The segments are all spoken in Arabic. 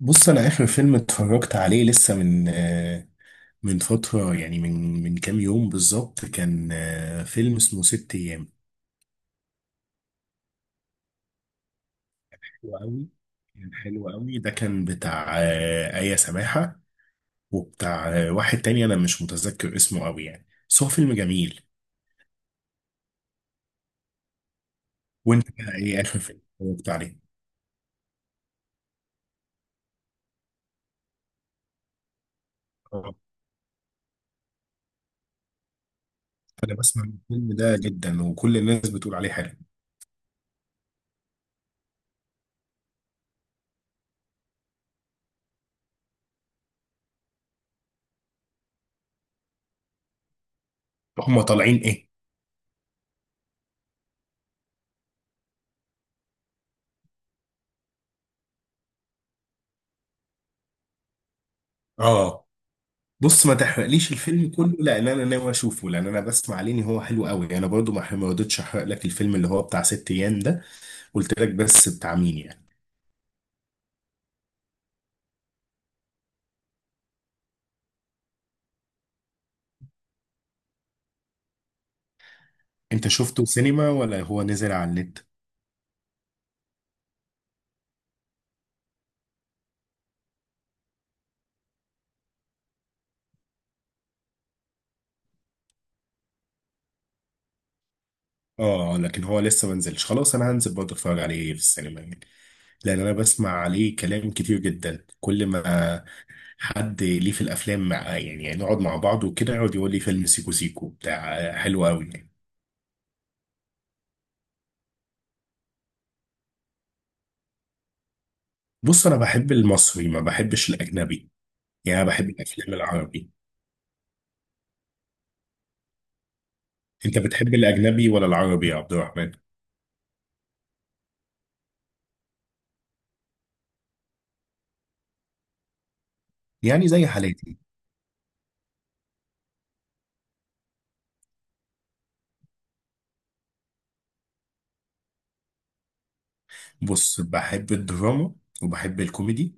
بص، انا اخر فيلم اتفرجت عليه لسه من فتره، يعني من كام يوم بالظبط كان فيلم اسمه ست ايام. حلو قوي. كان حلو قوي. ده كان بتاع آية سماحه، وبتاع واحد تاني انا مش متذكر اسمه قوي يعني، بس هو فيلم جميل. وانت بقى ايه اخر فيلم اتفرجت عليه؟ اه، انا بسمع الفيلم ده جدا وكل الناس بتقول عليه حلو. هما طالعين ايه؟ اه، بص، ما تحرقليش الفيلم كله لان انا ناوي اشوفه، لان انا بسمع عليه ان هو حلو قوي. انا برضو ما رضيتش احرق لك الفيلم اللي هو بتاع ست ايام ده. قلت لك بس بتاع مين يعني. انت شفته سينما ولا هو نزل على النت؟ اه، لكن هو لسه ما نزلش. خلاص، انا هنزل برضه اتفرج عليه في السينما يعني، لان انا بسمع عليه كلام كتير جدا. كل ما حد ليه في الافلام مع يعني نقعد مع بعض وكده يقعد يقول لي فيلم سيكو سيكو بتاع حلو قوي يعني. بص، انا بحب المصري، ما بحبش الاجنبي. يعني انا بحب الافلام العربي. انت بتحب الاجنبي ولا العربي يا عبد الرحمن؟ يعني زي حالاتي. بص، بحب الدراما، وبحب الكوميدي،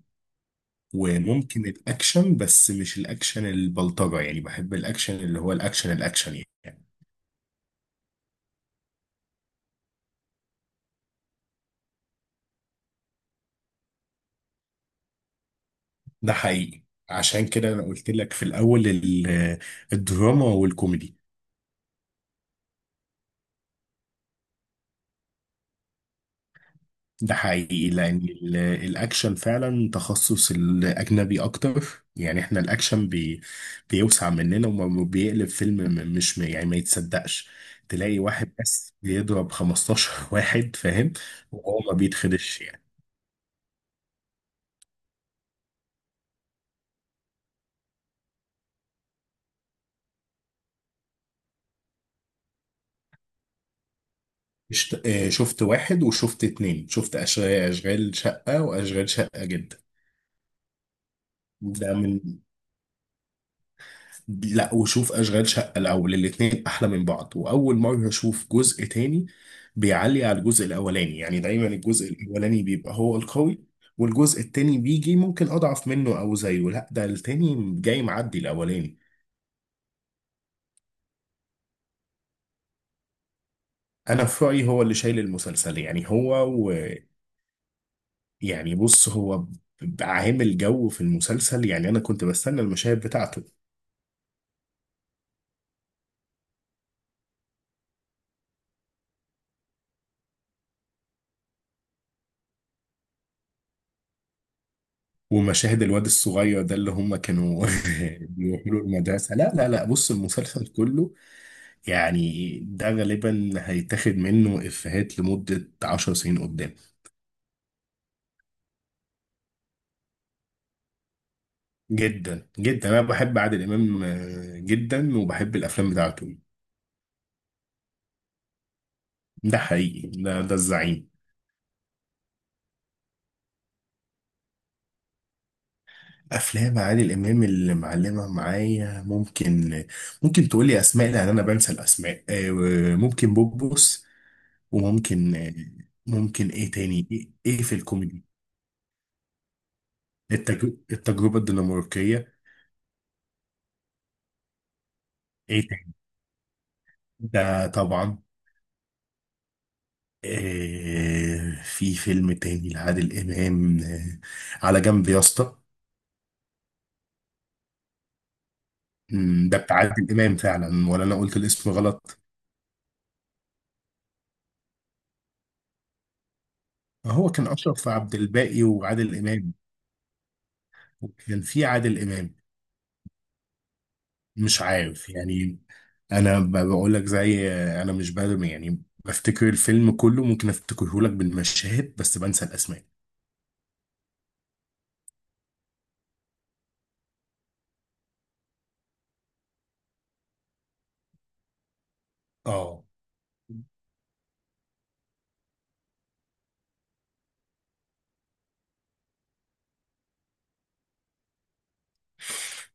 وممكن الاكشن، بس مش الاكشن البلطجة. يعني بحب الاكشن اللي هو الاكشن الاكشن يعني. ده حقيقي. عشان كده انا قلت لك في الاول الدراما والكوميدي. ده حقيقي لأن الأكشن فعلا تخصص الأجنبي أكتر. يعني إحنا الأكشن بيوسع مننا، وبيقلب فيلم مش يعني ما يتصدقش. تلاقي واحد بس بيضرب 15 واحد فاهم، وهو ما بيتخدش يعني. شفت واحد وشفت اتنين. شفت أشغال شقة وأشغال شقة جدا. ده من لا، وشوف اشغال شقه الاول، الاتنين احلى من بعض. واول مره اشوف جزء تاني بيعلي على الجزء الاولاني، يعني دايما الجزء الاولاني بيبقى هو القوي، والجزء التاني بيجي ممكن اضعف منه او زيه. لا، ده التاني جاي معدي الاولاني. انا في رايي هو اللي شايل المسلسل يعني هو. و... يعني بص هو عامل جو في المسلسل. يعني انا كنت بستنى المشاهد بتاعته. ومشاهد الواد الصغير ده اللي هم كانوا بيروحوا له المدرسه. لا لا لا، بص المسلسل كله يعني ده غالبا هيتاخد منه إفيهات لمدة عشر سنين قدام. جدا جدا أنا بحب عادل إمام جدا، وبحب الأفلام بتاعته. ده حقيقي، ده الزعيم. أفلام عادل إمام اللي معلمة معايا ممكن تقولي أسماء لأن أنا بنسى الأسماء. ممكن بوبوس، وممكن ممكن إيه تاني، إيه إيه في الكوميدي. التجربة الدنماركية. إيه تاني؟ ده طبعا. في فيلم تاني لعادل إمام، على جنب يا اسطى. ده بتاع عادل إمام فعلا ولا أنا قلت الاسم غلط؟ هو كان أشرف عبد الباقي وعادل إمام، وكان في عادل إمام. مش عارف يعني. أنا بقول لك زي أنا مش بادم يعني، بفتكر الفيلم كله ممكن أفتكره لك بالمشاهد بس بنسى الأسماء. اه،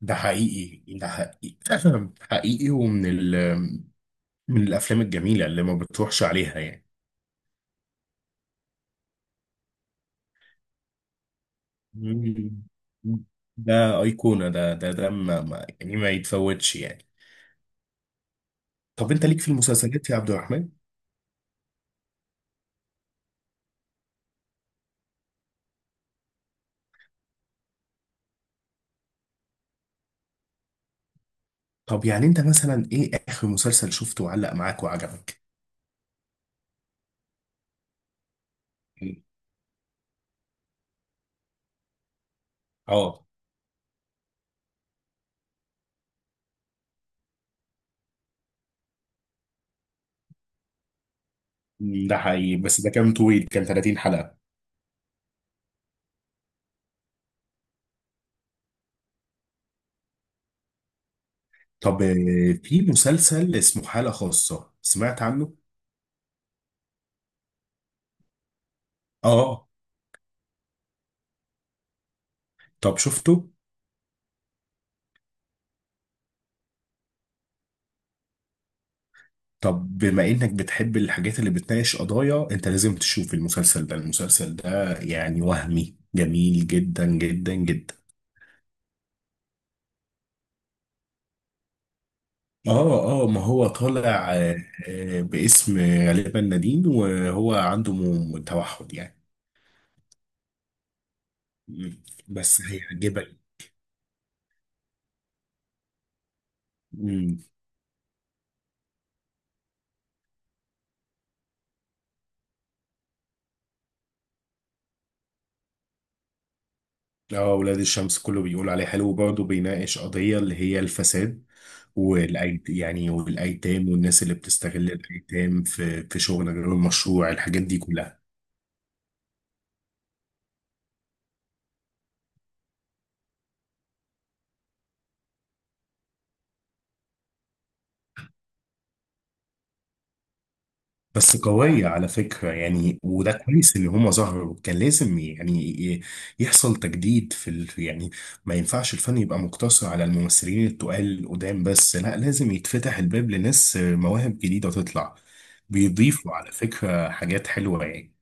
ده حقيقي، ده حقيقي. حقيقي. ومن ال من الأفلام الجميلة اللي ما بتروحش عليها يعني. مم. ده أيقونة. ده يعني ما يتفوتش يعني. طب أنت ليك في المسلسلات يا عبد الرحمن؟ طب يعني أنت مثلا إيه آخر مسلسل شفته وعلق معاك وعجبك؟ اه ده حقيقي، بس ده كان طويل، كان 30 حلقة. طب في مسلسل اسمه حالة خاصة، سمعت عنه؟ اه. طب شفته؟ طب بما انك بتحب الحاجات اللي بتناقش قضايا، انت لازم تشوف المسلسل ده. المسلسل ده يعني وهمي جميل جدا جدا جدا. اه اه، ما هو طالع باسم غالبا نادين، وهو عنده توحد يعني. مم. بس هيعجبك. مم. اه، ولاد الشمس كله بيقول عليه حلو، وبرضه بيناقش قضية اللي هي الفساد. والأيت يعني والأيتام والناس اللي بتستغل الأيتام في شغل غير المشروع، الحاجات دي كلها. بس قوية على فكرة يعني، وده كويس إن هما ظهروا. كان لازم يعني يحصل تجديد في يعني ما ينفعش الفن يبقى مقتصر على الممثلين التقال القدام بس، لا، لازم يتفتح الباب لناس مواهب جديدة تطلع. بيضيفوا على فكرة حاجات حلوة يعني.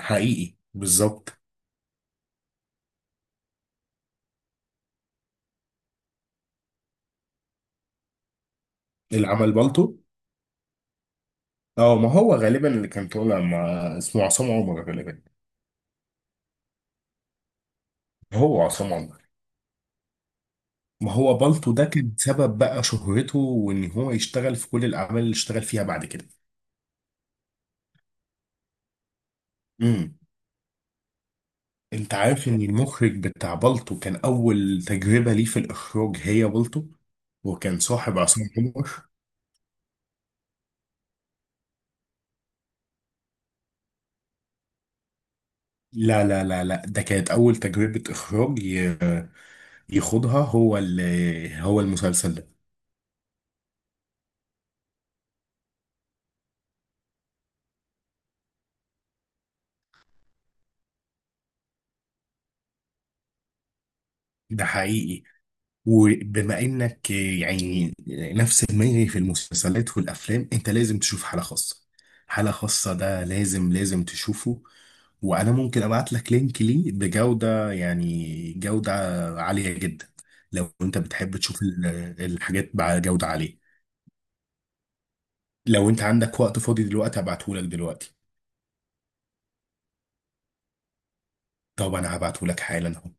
حقيقي بالظبط. العمل بالطو. اه، ما هو غالبا اللي كان طالع مع. اسمه عصام عمر غالبا. هو عصام عمر. ما هو بالطو ده كان سبب بقى شهرته، وان هو يشتغل في كل الاعمال اللي اشتغل فيها بعد كده. امم انت عارف ان المخرج بتاع بالطو كان اول تجربة ليه في الاخراج هي بالطو؟ وكان صاحب عصام عمر. لا لا لا لا، ده كانت اول تجربة اخراج يخوضها هو المسلسل ده. ده حقيقي. وبما انك يعني نفس دماغي في المسلسلات والافلام، انت لازم تشوف حالة خاصة. حالة خاصة ده لازم لازم تشوفه. وانا ممكن ابعت لك لينك ليه بجودة يعني جودة عالية جدا. لو انت بتحب تشوف الحاجات بجودة عالية، لو انت عندك وقت فاضي دلوقتي هبعته لك دلوقتي. طب انا هبعته لك حالا اهو.